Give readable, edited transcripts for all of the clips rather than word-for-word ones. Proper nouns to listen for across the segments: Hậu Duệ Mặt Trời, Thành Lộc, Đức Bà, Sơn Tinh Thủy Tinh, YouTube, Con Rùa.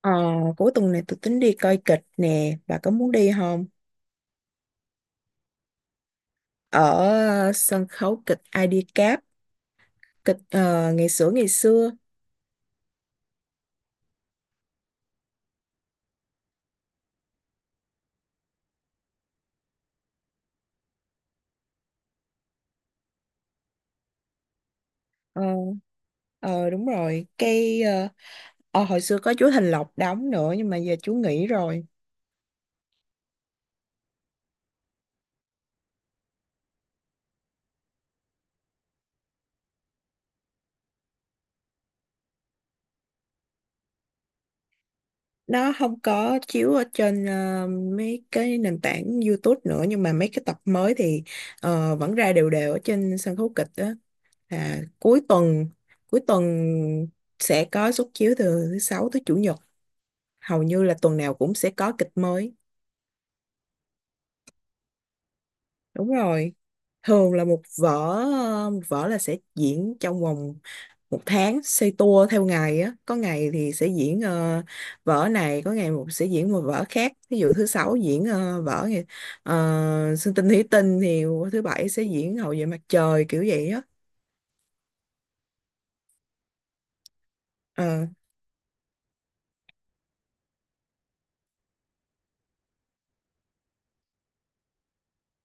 Ờ, cuối tuần này tôi tính đi coi kịch nè, bà có muốn đi không? Ở sân khấu kịch Ai đi cáp kịch ngày xưa ngày xưa. Ờ, Đúng rồi, hồi xưa có chú Thành Lộc đóng nữa nhưng mà giờ chú nghỉ rồi. Nó không có chiếu ở trên mấy cái nền tảng YouTube nữa, nhưng mà mấy cái tập mới thì vẫn ra đều đều ở trên sân khấu kịch đó. Là cuối tuần sẽ có suất chiếu từ thứ sáu tới chủ nhật, hầu như là tuần nào cũng sẽ có kịch mới. Đúng rồi, thường là một vở, một vở là sẽ diễn trong vòng một tháng, xoay tua theo ngày á. Có ngày thì sẽ diễn vở này, có ngày một sẽ diễn một vở khác. Ví dụ thứ sáu diễn vở này, Sơn Tinh Thủy Tinh, thì thứ bảy sẽ diễn Hậu Duệ Mặt Trời, kiểu vậy á. Ờ,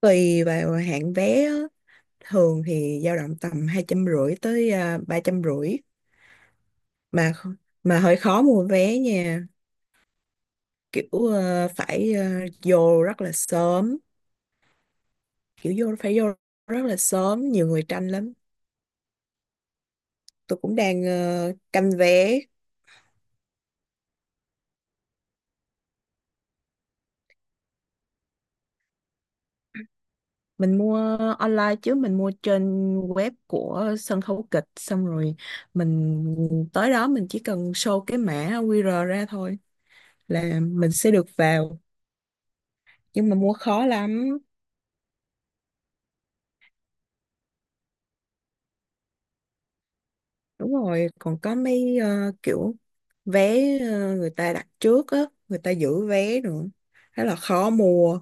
tùy vào hạng vé á, thường thì dao động tầm hai trăm rưỡi tới ba trăm rưỡi. mà kh- mà hơi khó mua vé nha. Kiểu ờ, phải ờ, vô rất là sớm, kiểu vô phải vô rất là sớm, nhiều người tranh lắm. Tôi cũng đang canh vé. Mình mua online chứ, mình mua trên web của sân khấu kịch, xong rồi mình tới đó mình chỉ cần show cái mã QR ra thôi là mình sẽ được vào. Nhưng mà mua khó lắm. Đúng rồi, còn có mấy kiểu vé người ta đặt trước á, người ta giữ vé nữa, rất là khó mua.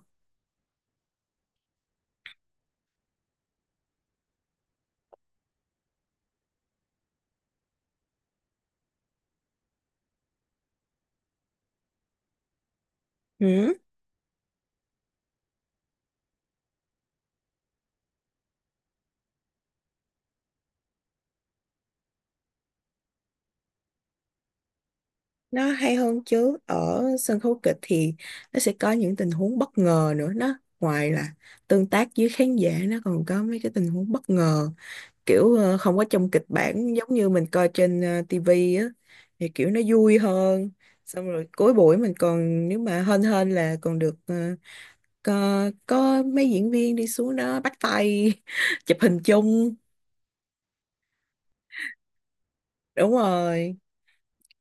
Ừ. Nó hay hơn chứ, ở sân khấu kịch thì nó sẽ có những tình huống bất ngờ nữa. Nó ngoài là tương tác với khán giả, nó còn có mấy cái tình huống bất ngờ kiểu không có trong kịch bản, giống như mình coi trên TV á, thì kiểu nó vui hơn. Xong rồi cuối buổi mình còn, nếu mà hên hên là còn được có mấy diễn viên đi xuống đó bắt tay chụp hình chung. Đúng rồi.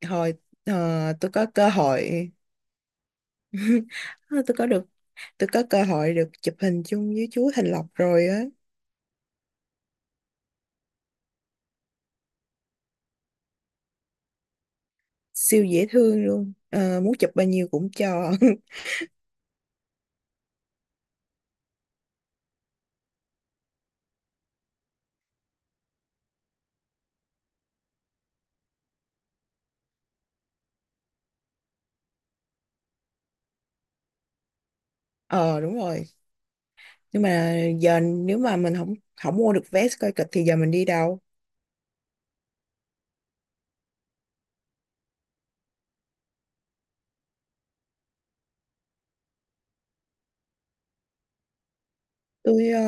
Hồi ờ, tôi có cơ hội Ờ, tôi có cơ hội được chụp hình chung với chú Thành Lộc rồi á. Siêu dễ thương luôn. Ờ, muốn chụp bao nhiêu cũng cho. Ờ đúng rồi. Nhưng mà giờ nếu mà mình không không mua được vé coi kịch thì giờ mình đi đâu? Tôi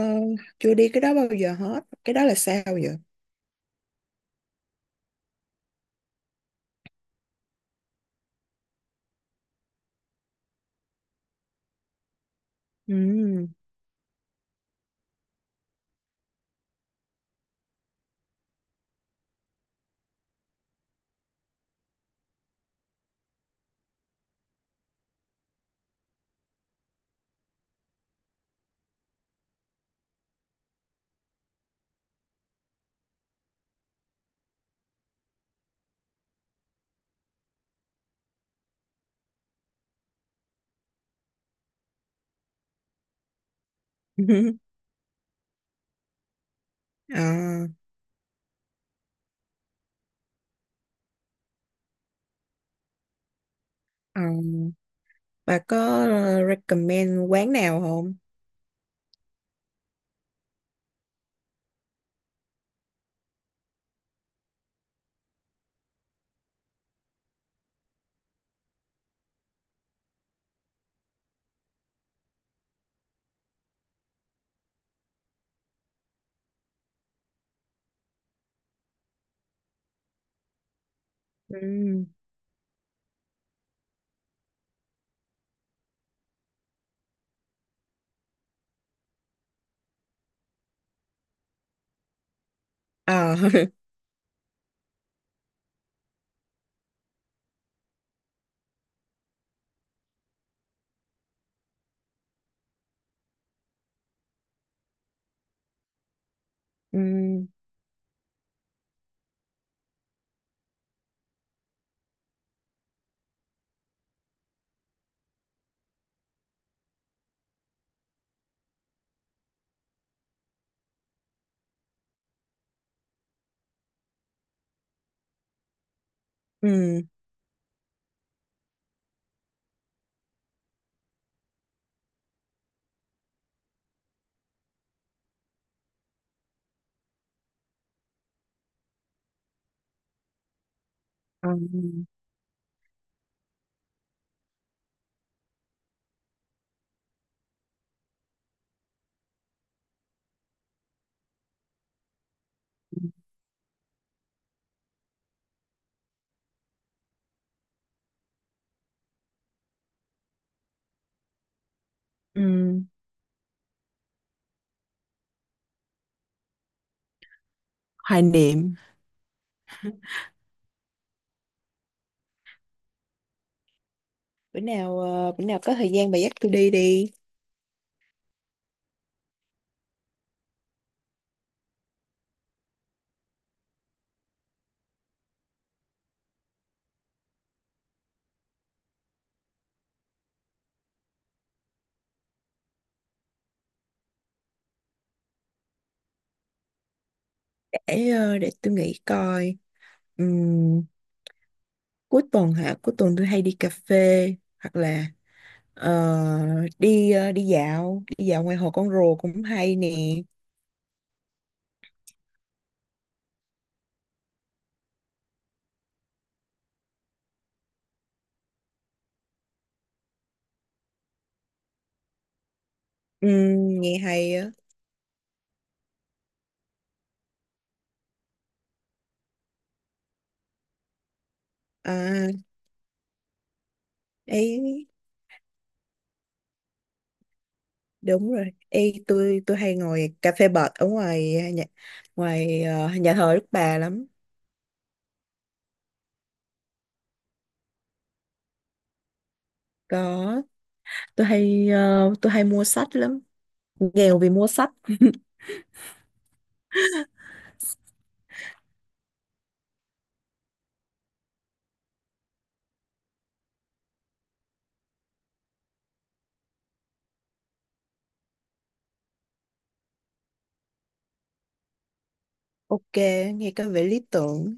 chưa đi cái đó bao giờ hết, cái đó là sao vậy? Ừm. À, à, bà có recommend quán nào không? Ừm. Ờ. Ừm. Ừm. Ờ. Ừm. Hoài niệm. Bữa nào bữa nào có thời gian bà dắt tôi đi đi. Để để tôi nghĩ coi. Ừm, cuối tuần hả, cuối tuần tôi hay đi cà phê, hoặc là ờ, đi đi dạo ngoài hồ Con Rùa cũng hay nè. Nghe hay á. À, ấy đúng rồi, ấy tôi hay ngồi cà phê bệt ở ngoài nhà, ngoài nhà thờ Đức Bà lắm. Có, tôi hay tôi hay mua sách lắm, nghèo vì mua sách. Ok, nghe có vẻ lý tưởng.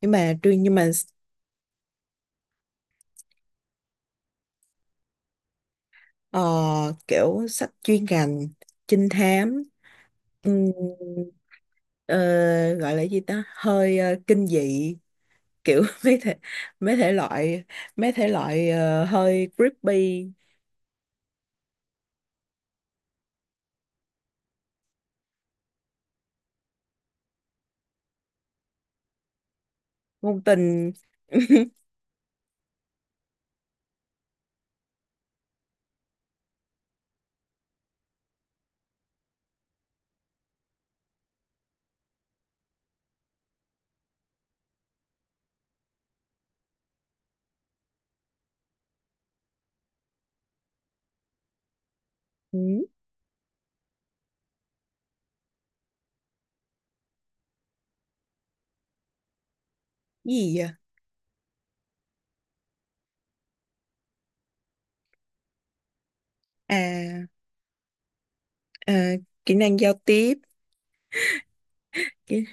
Nhưng mà truyền nhưng mà ờ, kiểu sách chuyên ngành, trinh thám, ừm, ờ, gọi là gì ta, hơi kinh dị kiểu mấy thể loại, mấy thể loại hơi creepy. Ngôn tình. Ừ, gì vậy? À, à, kỹ năng giao tiếp. kỹ,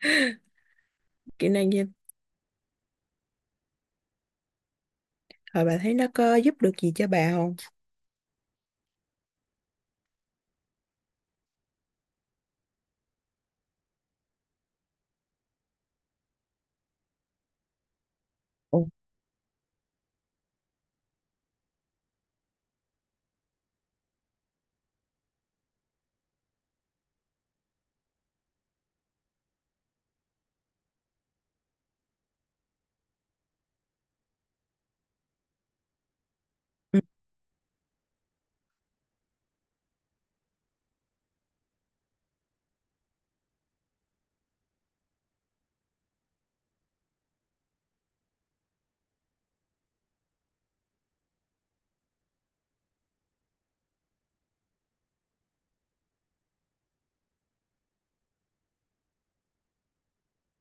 kỹ năng giao. Hồi bà thấy nó có giúp được gì cho bà không? Ồ. Ừ,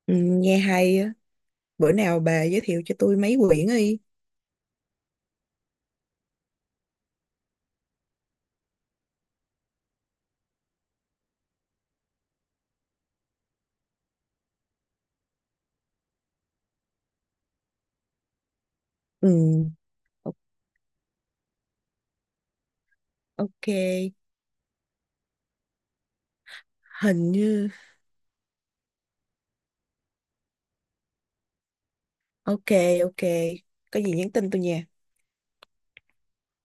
ừ, nghe hay á. Bữa nào bà giới thiệu cho tôi mấy quyển đi. Ừ. Ok. Hình như ok. Ok, có gì nhắn tin tôi nha.